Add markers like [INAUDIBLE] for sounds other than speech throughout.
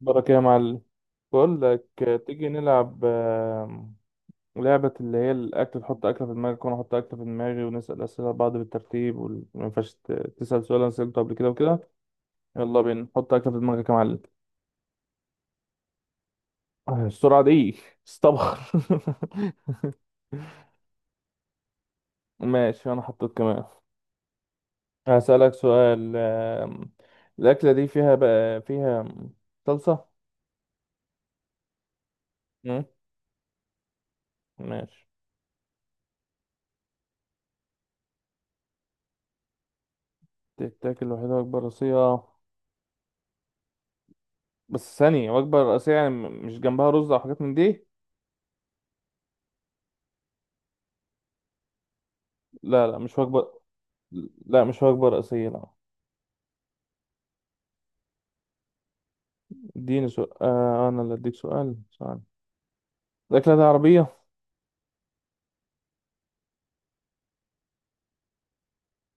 بركة يا معلم. بقول لك، تيجي نلعب لعبة اللي هي الأكل، تحط أكلة في دماغك وأنا أحط أكلة في دماغي ونسأل أسئلة بعض بالترتيب، وما ينفعش تسأل سؤال أنا سألته قبل كده وكده. يلا بينا، حط أكلة في دماغك يا معلم. آه، السرعة دي. استبخر. [LAUGHS] ماشي، أنا حطيت كمان. هسألك سؤال. الأكلة دي فيها بقى فيها صلصة. مم، ماشي. تتاكل لوحدها بأكبر راسية. بس ثانية، وجبة رئيسية يعني مش جنبها رز أو حاجات من دي. لا، لا مش وجبة. لا مش وجبة رئيسية لا. اديني سؤال. آه، أنا اللي أديك سؤال سؤال. الأكلة دي عربية؟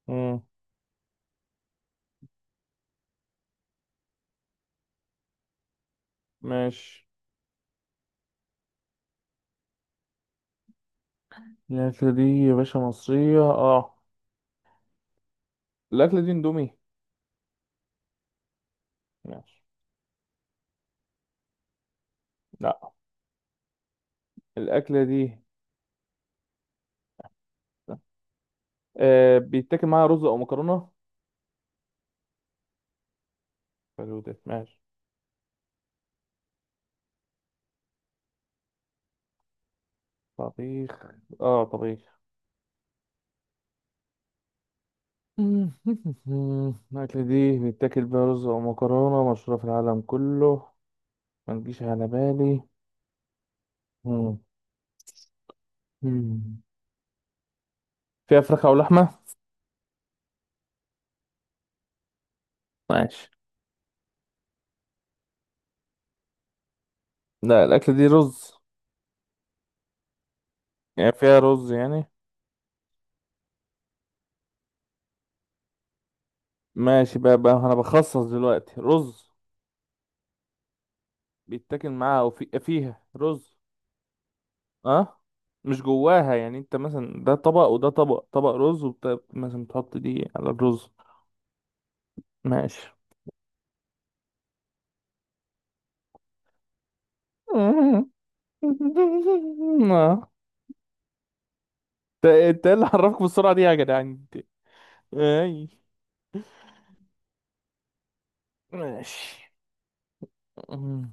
مم. ماشي. الأكلة دي يا باشا مصرية. اه. الأكلة دي اندومي. ماشي. لا. الأكلة دي بيتاكل معاها رز أو مكرونة. حلو ده، ماشي. طبيخ. اه طبيخ. [LAUGHS] الأكلة دي بيتاكل بيها رز أو مكرونة مشهورة في العالم كله. ما تجيش على بالي. مم. مم. فيها فراخ او لحمه. ماشي. لا الاكله دي رز. يعني فيها رز يعني. ماشي بقى انا بخصص دلوقتي رز. بيتاكل معاها او في فيها رز. اه مش جواها، يعني انت مثلا ده طبق وده طبق، طبق رز مثلا تحط دي على الرز. ماشي. [LAUGHS] آه. انت انت ايه اللي حركك بالسرعه دي يا جدعان انت؟ اي. ماشي. مم.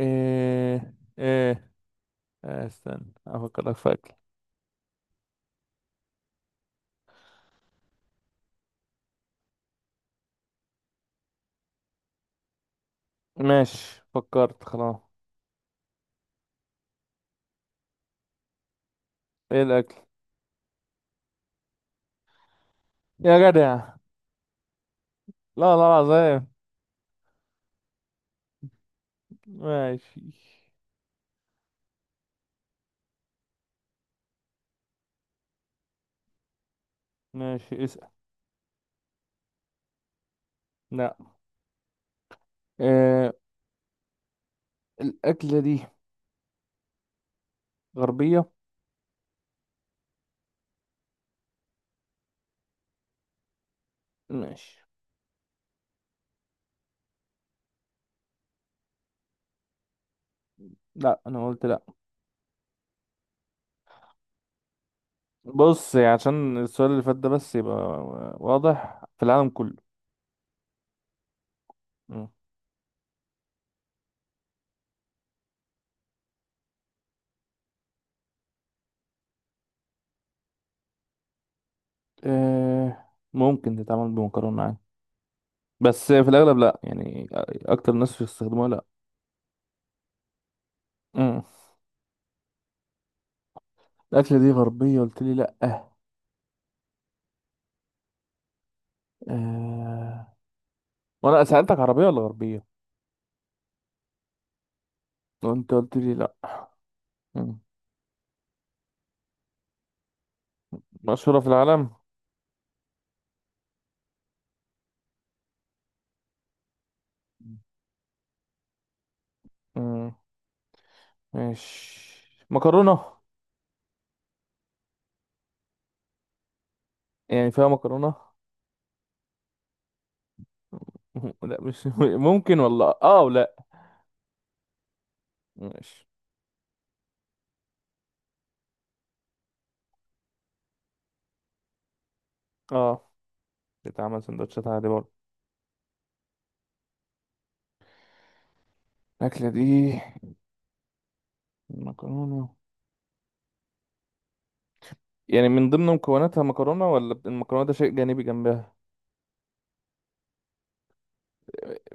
ايه. ايه. آه، استنى افكرك في اكل. ماشي، فكرت خلاص. ايه الاكل. يا جدع، لا لا العظيم. ماشي. ماشي اسأل. لا. آه، الاكلة دي غربية. ماشي. لا انا قلت لا. بص، يعني عشان السؤال اللي فات ده بس يبقى واضح في العالم كله. مم. آه ممكن تتعمل بمكرونة عادي، بس في الاغلب لا يعني، اكتر الناس بيستخدموها لا. مم. الاكلة دي غربية قلت لي لا. آه، وانا سألتك عربية ولا غربية، وانت قلت لي لا. مم. مشهورة في العالم. مم. ماشي. مكرونة؟ يعني فيها مكرونة. [LAUGHS] لا مش ممكن والله، اه ولا. ماشي. اه بتعمل سندوتشات عادي برضه. الأكلة دي مكرونة، يعني من ضمن مكوناتها مكرونة ولا المكرونة ده شيء جانبي جنبها؟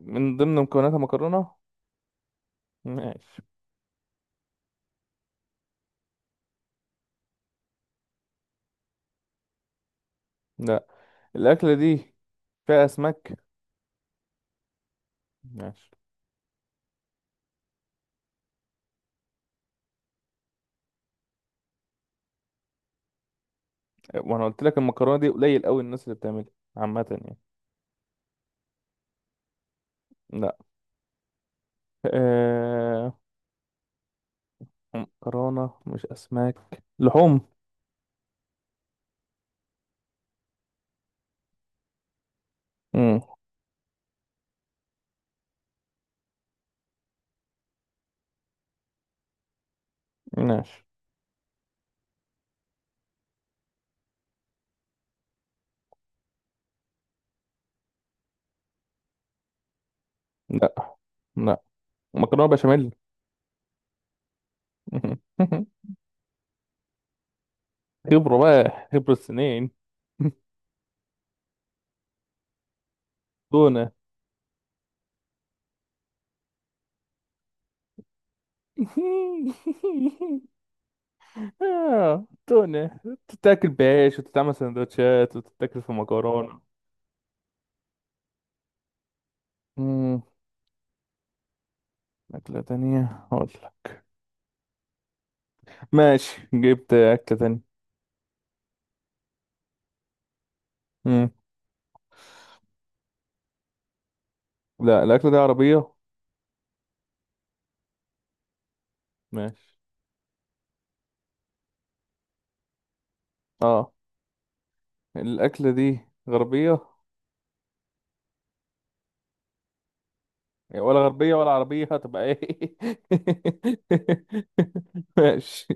من ضمن مكوناتها مكرونة. ماشي. لا الأكلة دي فيها أسماك. ماشي. وانا قلت لك المكرونة دي قليل قوي الناس اللي بتعملها، عامة يعني. لا. آه... مكرونة مش أسماك لحوم. مم. ماشي. لا. لا مكرونة بشاميل. [LAUGHS] خبرة بقى، خبرة سنين. [LAUGHS] تونة. [LAUGHS] آه، تونة تتاكل بعيش وتتعمل سندوتشات وتتاكل في مكرونة. مم. أكلة تانية أقول لك. ماشي، جبت أكلة تانية. مم. لا الأكلة دي عربية. ماشي. اه. الأكلة دي غربية. يعني ولا غربية ولا عربية هتبقى ايه؟ [LAUGHS] ماشي.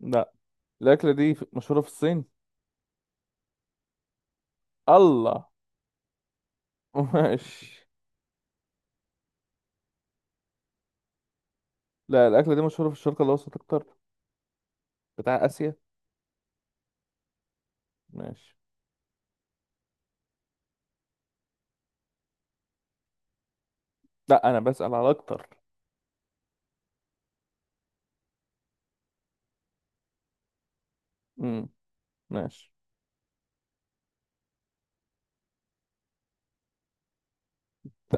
لا الأكلة دي مشهورة في الصين. الله. ماشي. لا الأكلة دي مشهورة في الشرق الأوسط أكتر، بتاع آسيا. ماشي. لا أنا بسأل على أكتر. امم. ماشي.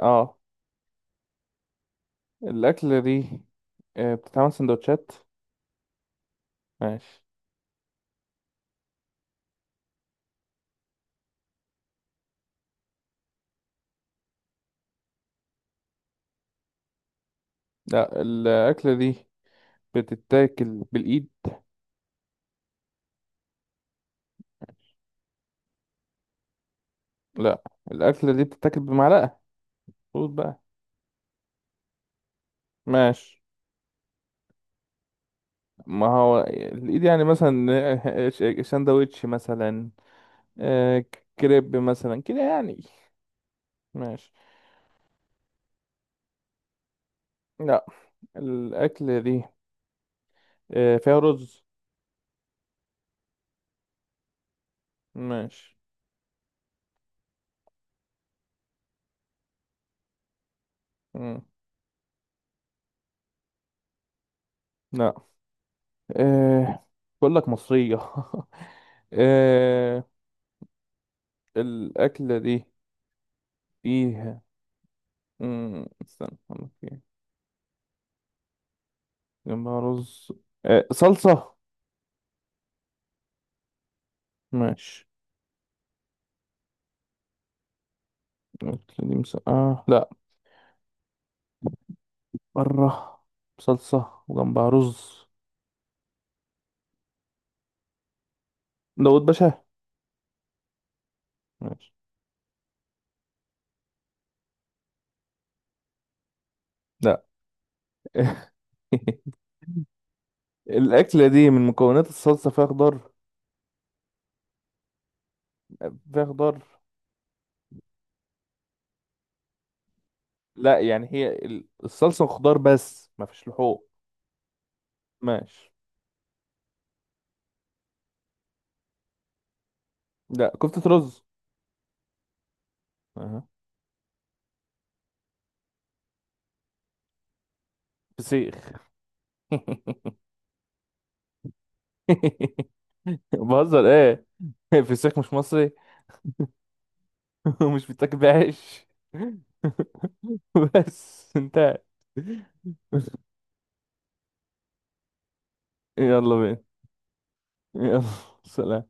اه. الأكلة دي بتتعمل سندوتشات. ماشي. لا الأكلة دي بتتاكل بالإيد. لا الأكلة دي بتتاكل بمعلقة. خد بقى. ماشي. ما هو الايد، يعني مثلا [LAUGHS] ساندوتش مثلا. آه، كريب مثلا كده يعني. ماشي. لا الاكل دي فيها رز. ماشي. مم. لا. آه، بقول لك مصرية. [LAUGHS] آه، الاكلة دي فيها. استنى أقول لك إيه. جنبها رز. صلصة. ماشي. الاكلة دي مسقعة لا. بره. صلصة وجنبها رز. داود باشا. ماشي. لا. [LAUGHS] الأكلة دي من مكونات الصلصة فيها خضار. فيها خضار. لا يعني هي الصلصة وخضار بس ما فيش لحوم. ماشي. لا كفتة رز. أها. فسيخ. [LAUGHS] بهزر ايه. فسيخ مش مصري. [LAUGHS] ومش بيتاكل بعيش. [LAUGHS] بس انتهت. يلا بينا. يلا. سلام.